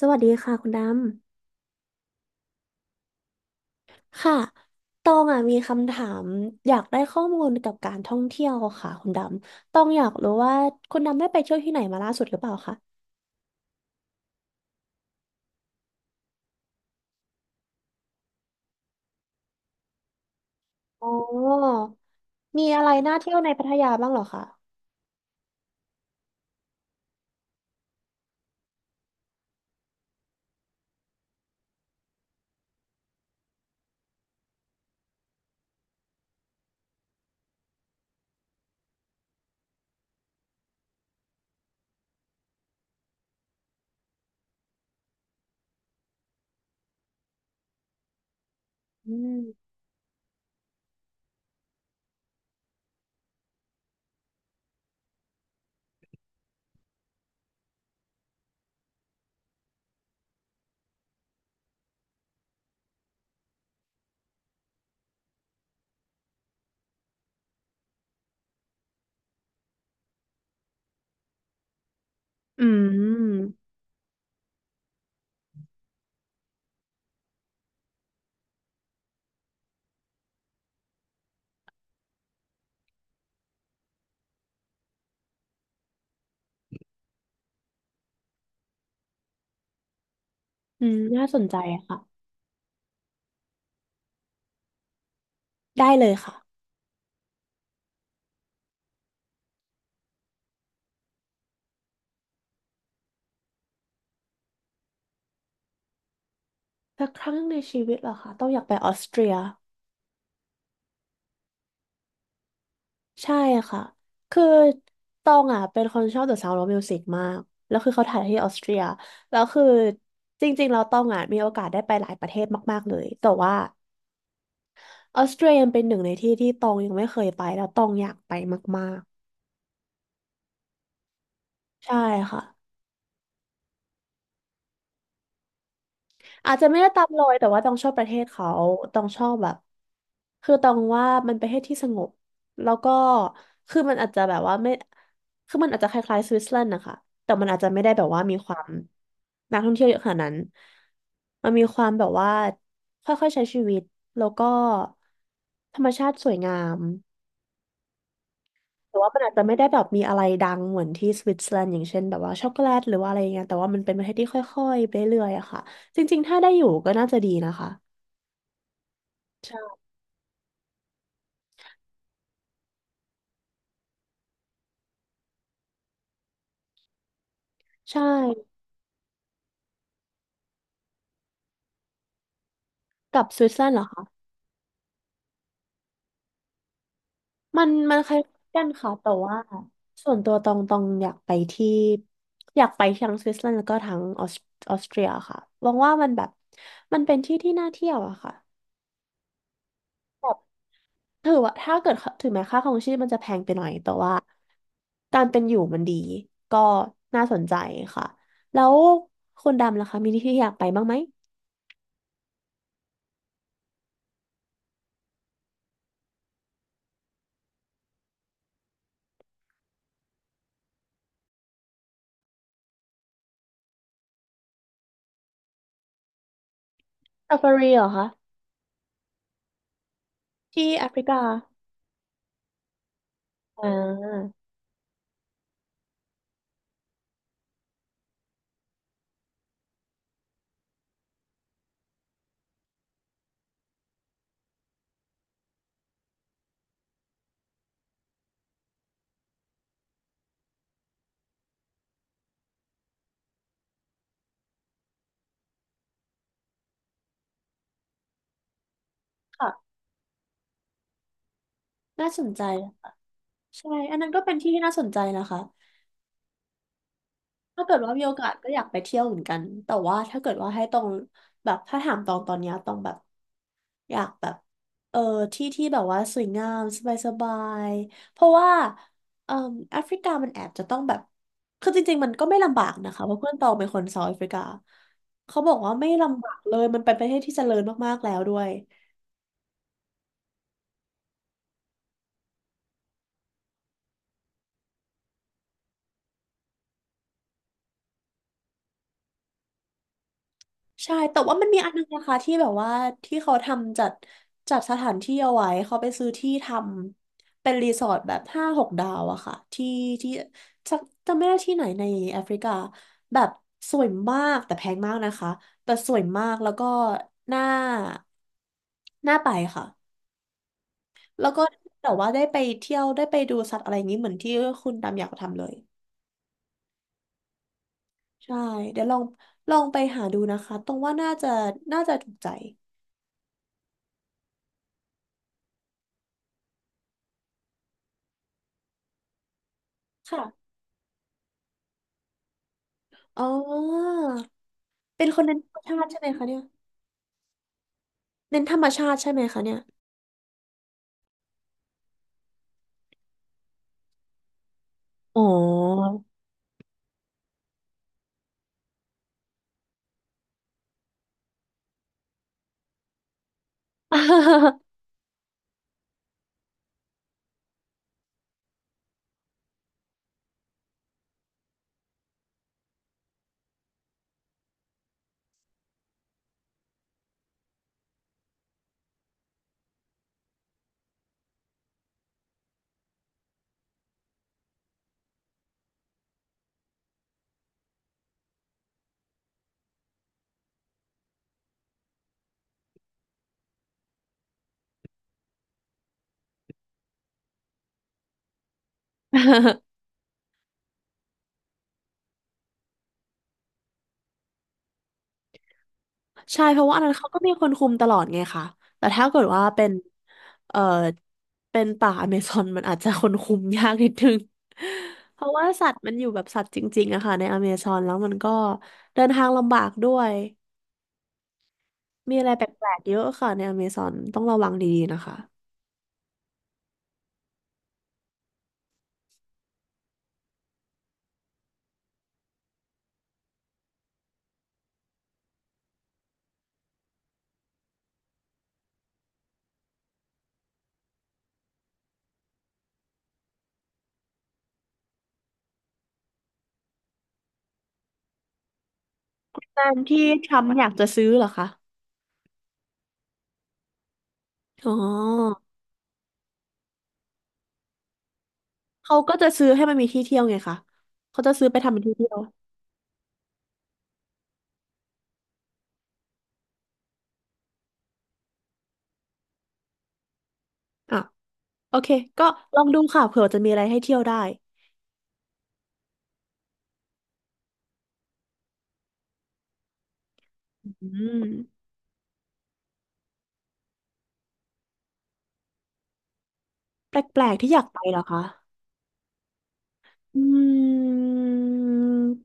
สวัสดีค่ะคุณดำค่ะตองอ่ะมีคำถามอยากได้ข้อมูลกับการท่องเที่ยวค่ะคุณดำตองอยากรู้ว่าคุณดำได้ไปเที่ยวที่ไหนมาล่าสุดหรือเปล่าคะอ๋อมีอะไรน่าเที่ยวในพัทยาบ้างเหรอคะอืมอืมอืมน่าสนใจค่ะได้เลยค่ะสักครั้งในชีวิตเหรอคะต้องอยากไปออสเตรีย ใช่ค่ะ คือตองอ่ะเป็นคนชอบ The Sound of Music มาก แล้วคือเขาถ่ายที่ออสเตรียแล้วคือจริงๆเราตองอ่ะมีโอกาสได้ไปหลายประเทศมากๆเลยแต่ว่าออสเตรียยังเป็นหนึ่งในที่ที่ตองยังไม่เคยไปแล้วตองอยากไปมากๆ ใช่ค่ะ อาจจะไม่ได้ตามรอยแต่ว่าต้องชอบประเทศเขาต้องชอบแบบคือต้องว่ามันประเทศที่สงบแล้วก็คือมันอาจจะแบบว่าไม่คือมันอาจจะคล้ายๆสวิตเซอร์แลนด์นะคะแต่มันอาจจะไม่ได้แบบว่ามีความนักท่องเที่ยวเยอะขนาดนั้นมันมีความแบบว่าค่อยๆใช้ชีวิตแล้วก็ธรรมชาติสวยงามแต่ว่ามันอาจจะไม่ได้แบบมีอะไรดังเหมือนที่สวิตเซอร์แลนด์อย่างเช่นแบบว่าช็อกโกแลตหรือว่าอะไรอย่างเงี้ยแต่ว่ามันเป็นประเทศที่ค่อยๆไปเรื่อยๆอะค่ะจริงๆถ้าได้อยู่ก็น่าจะดีนะคะ ใช่ใช่กับสวิตเซอร์แลนด์เหรอคะมันคล้ายกันค่ะแต่ว่าส่วนตัวตองอยากไปที่อยากไปทั้งสวิตเซอร์แลนด์แล้วก็ทั้งออสเตรียค่ะมองว่ามันแบบมันเป็นที่ที่น่าเที่ยวอะค่ะแบบถือว่าถ้าเกิดถึงแม้ค่าครองชีพมันจะแพงไปหน่อยแต่ว่าการเป็นอยู่มันดีก็น่าสนใจค่ะแล้วคุณดำล่ะคะมีที่ที่อยากไปบ้างไหมซาฟารีเหรอคะที่แอฟริกาอ่าค่ะน่าสนใจ ใช่อันนั้นก็เป็นที่ที่น่าสนใจนะคะถ้าเกิดว่ามีโอกาสก็อยากไปเที่ยวเหมือนกัน แต่ว่าถ้าเกิดว่าให้ตรงแบบถ้าถามตองตอนเนี้ยตองแบบอยากแบบเออที่ที่แบบว่าสวยงามสบายสบายเพราะว่าเอ่อแอฟริกามันแอบจะต้องแบบคือจริงๆมันก็ไม่ลำบากนะคะเพราะเพื่อนตองเป็นคนเซาท์แอฟริกาเขาบอกว่าไม่ลำบากเลยมันเป็นประเทศที่เจริญมากๆแล้วด้วย ใช่แต่ว่ามันมีอันนึงนะคะที่แบบว่าที่เขาทำจัดสถานที่เอาไว้เขาไปซื้อที่ทำเป็นรีสอร์ทแบบห้าหกดาวอะค่ะที่ที่สักจำไม่ได้ที่ไหนในแอฟริกาแบบสวยมากแต่แพงมากนะคะแต่สวยมากแล้วก็น่าน่าไปค่ะแล้วก็แต่ว่าได้ไปเที่ยวได้ไปดูสัตว์อะไรอย่างนี้เหมือนที่คุณดำอยากทำเลยใช่เดี๋ยวลองไปหาดูนะคะตรงว่าน่าจะน่าจะถูกใจค่ะ อ๋อ เป็นคนเน้นธรรมชาติใช่ไหมคะเนี่ยเน้นธรรมชาติใช่ไหมคะเนี่ยอ๋อ ใช่เพราะว่าอันนั้นเขาก็มีคนคุมตลอดไงคะแต่ถ้าเกิดว่าเป็นเอ่อเป็นป่าอเมซอนมันอาจจะคนคุมยากนิดนึง เพราะว่าสัตว์มันอยู่แบบสัตว์จริงๆอะค่ะในอเมซอนแล้วมันก็เดินทางลำบากด้วยมีอะไรแปลกๆเยอะค่ะในอเมซอนต้องระวังดีๆนะคะตามที่ทรัมป์อยากจะซื้อเหรอคะอ๋อ เขาก็จะซื้อให้มันมีที่เที่ยวไงคะเขาจะซื้อไปทำเป็นที่เที่ยวอ่ะโอเค ก็ลองดูค่ะเผื่อจะมีอะไรให้เที่ยวได้อืมแปลกๆ ที่อยากไปเหรอคะอืม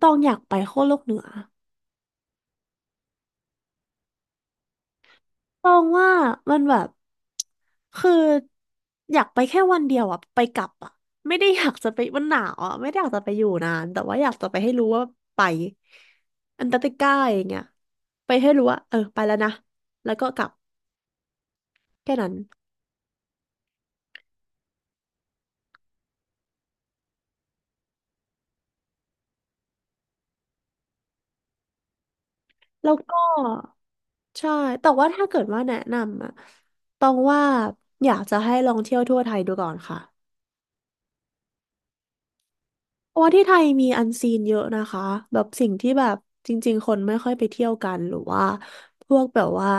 ต้องอยากไปขั้วโลกเหนือต้องว่ามันแบบคืออยากไปแค่วันเดียวอะไปกลับอะไม่ได้อยากจะไปมันหนาวอะไม่ได้อยากจะไปอยู่นานแต่ว่าอยากจะไปให้รู้ว่าไปอันตาร์กติกาอย่างเงี้ยไปให้รู้ว่าเออไปแล้วนะแล้วก็กลับแค่นั้น แล้วก็ใช่ แต่ว่าถ้าเกิดว่าแนะนำอะต้องว่าอยากจะให้ลองเที่ยวทั่วไทยดูก่อนค่ะเพราะว่าที่ไทยมีอันซีนเยอะนะคะ แบบสิ่งที่แบบจริงๆคนไม่ค่อยไปเที่ยวกันหรือว่าพวกแบบว่า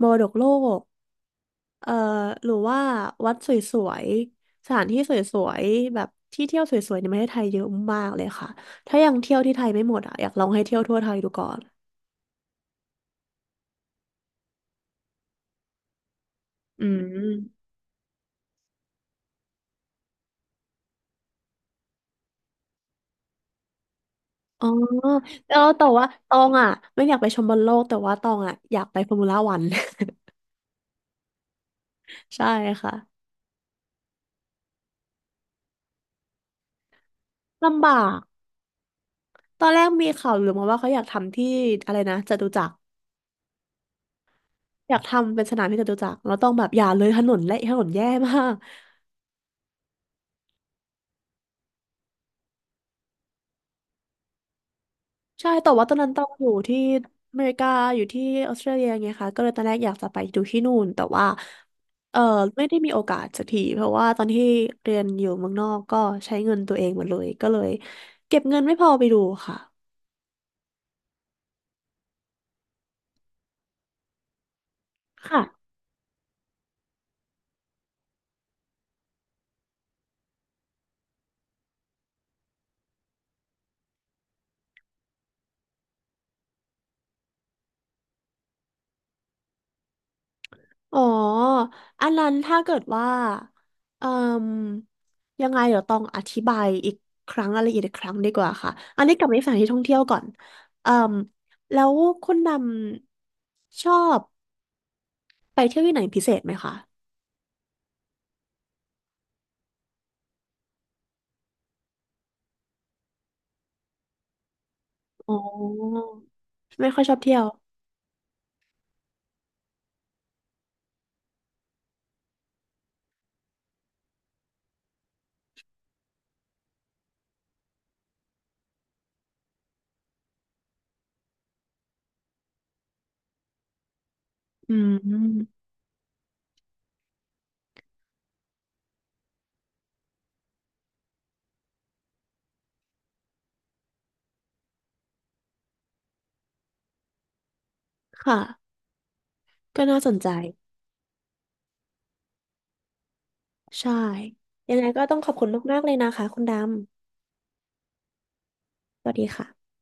มรดกโลกเอ่อหรือว่าวัดสวยๆสถานที่สวยๆแบบที่เที่ยวสวยๆในประเทศไทยเยอะมากเลยค่ะถ้ายังเที่ยวที่ไทยไม่หมดอ่ะอยากลองให้เที่ยวทั่วไทยดูก่อนอืม อ๋อแล้วแต่ว่าตองอ่ะไม่อยากไปชมบอลโลกแต่ว่าตองอ่ะอยากไปฟอร์มูล่าวัน ใช่ค่ะลำบากตอนแรกมีข่าวลือมาว่าเขาอยากทำที่อะไรนะจตุจักรอยากทำเป็นสนามที่จตุจักรแล้วต้องแบบอย่าเลยถนนและถนนแย่มาก ใช่แต่ว่าตอนนั้นต้องอยู่ที่อเมริกาอยู่ที่ออสเตรเลียไงคะก็เลยตอนแรกอยากจะไปดูที่นู่นแต่ว่าเออไม่ได้มีโอกาสสักทีเพราะว่าตอนที่เรียนอยู่เมืองนอกก็ใช้เงินตัวเองหมดเลยก็เลยเก็บเงินไม่พอไปดูค่ะ ค่ะ อ๋อ อันนั้นถ้าเกิดว่าเอ่มยังไงเดี๋ยวต้องอธิบายอีกครั้งรายละเอียดอีกครั้งดีกว่าค่ะ อันนี้กลับไปสถานที่ท่องเที่ยวก่อนเอ่มแล้วคุณดำชอบไปเที่ยวที่ไหนพิเศษไหมคะอ๋อไม่ค่อยชอบเที่ยว อืมค่ะ ก็น่าสนใจ ใช่ยังไงก็ต้องขอบคุณมาก ๆ เลยนะคะคุณดำสวัสดีค่ะ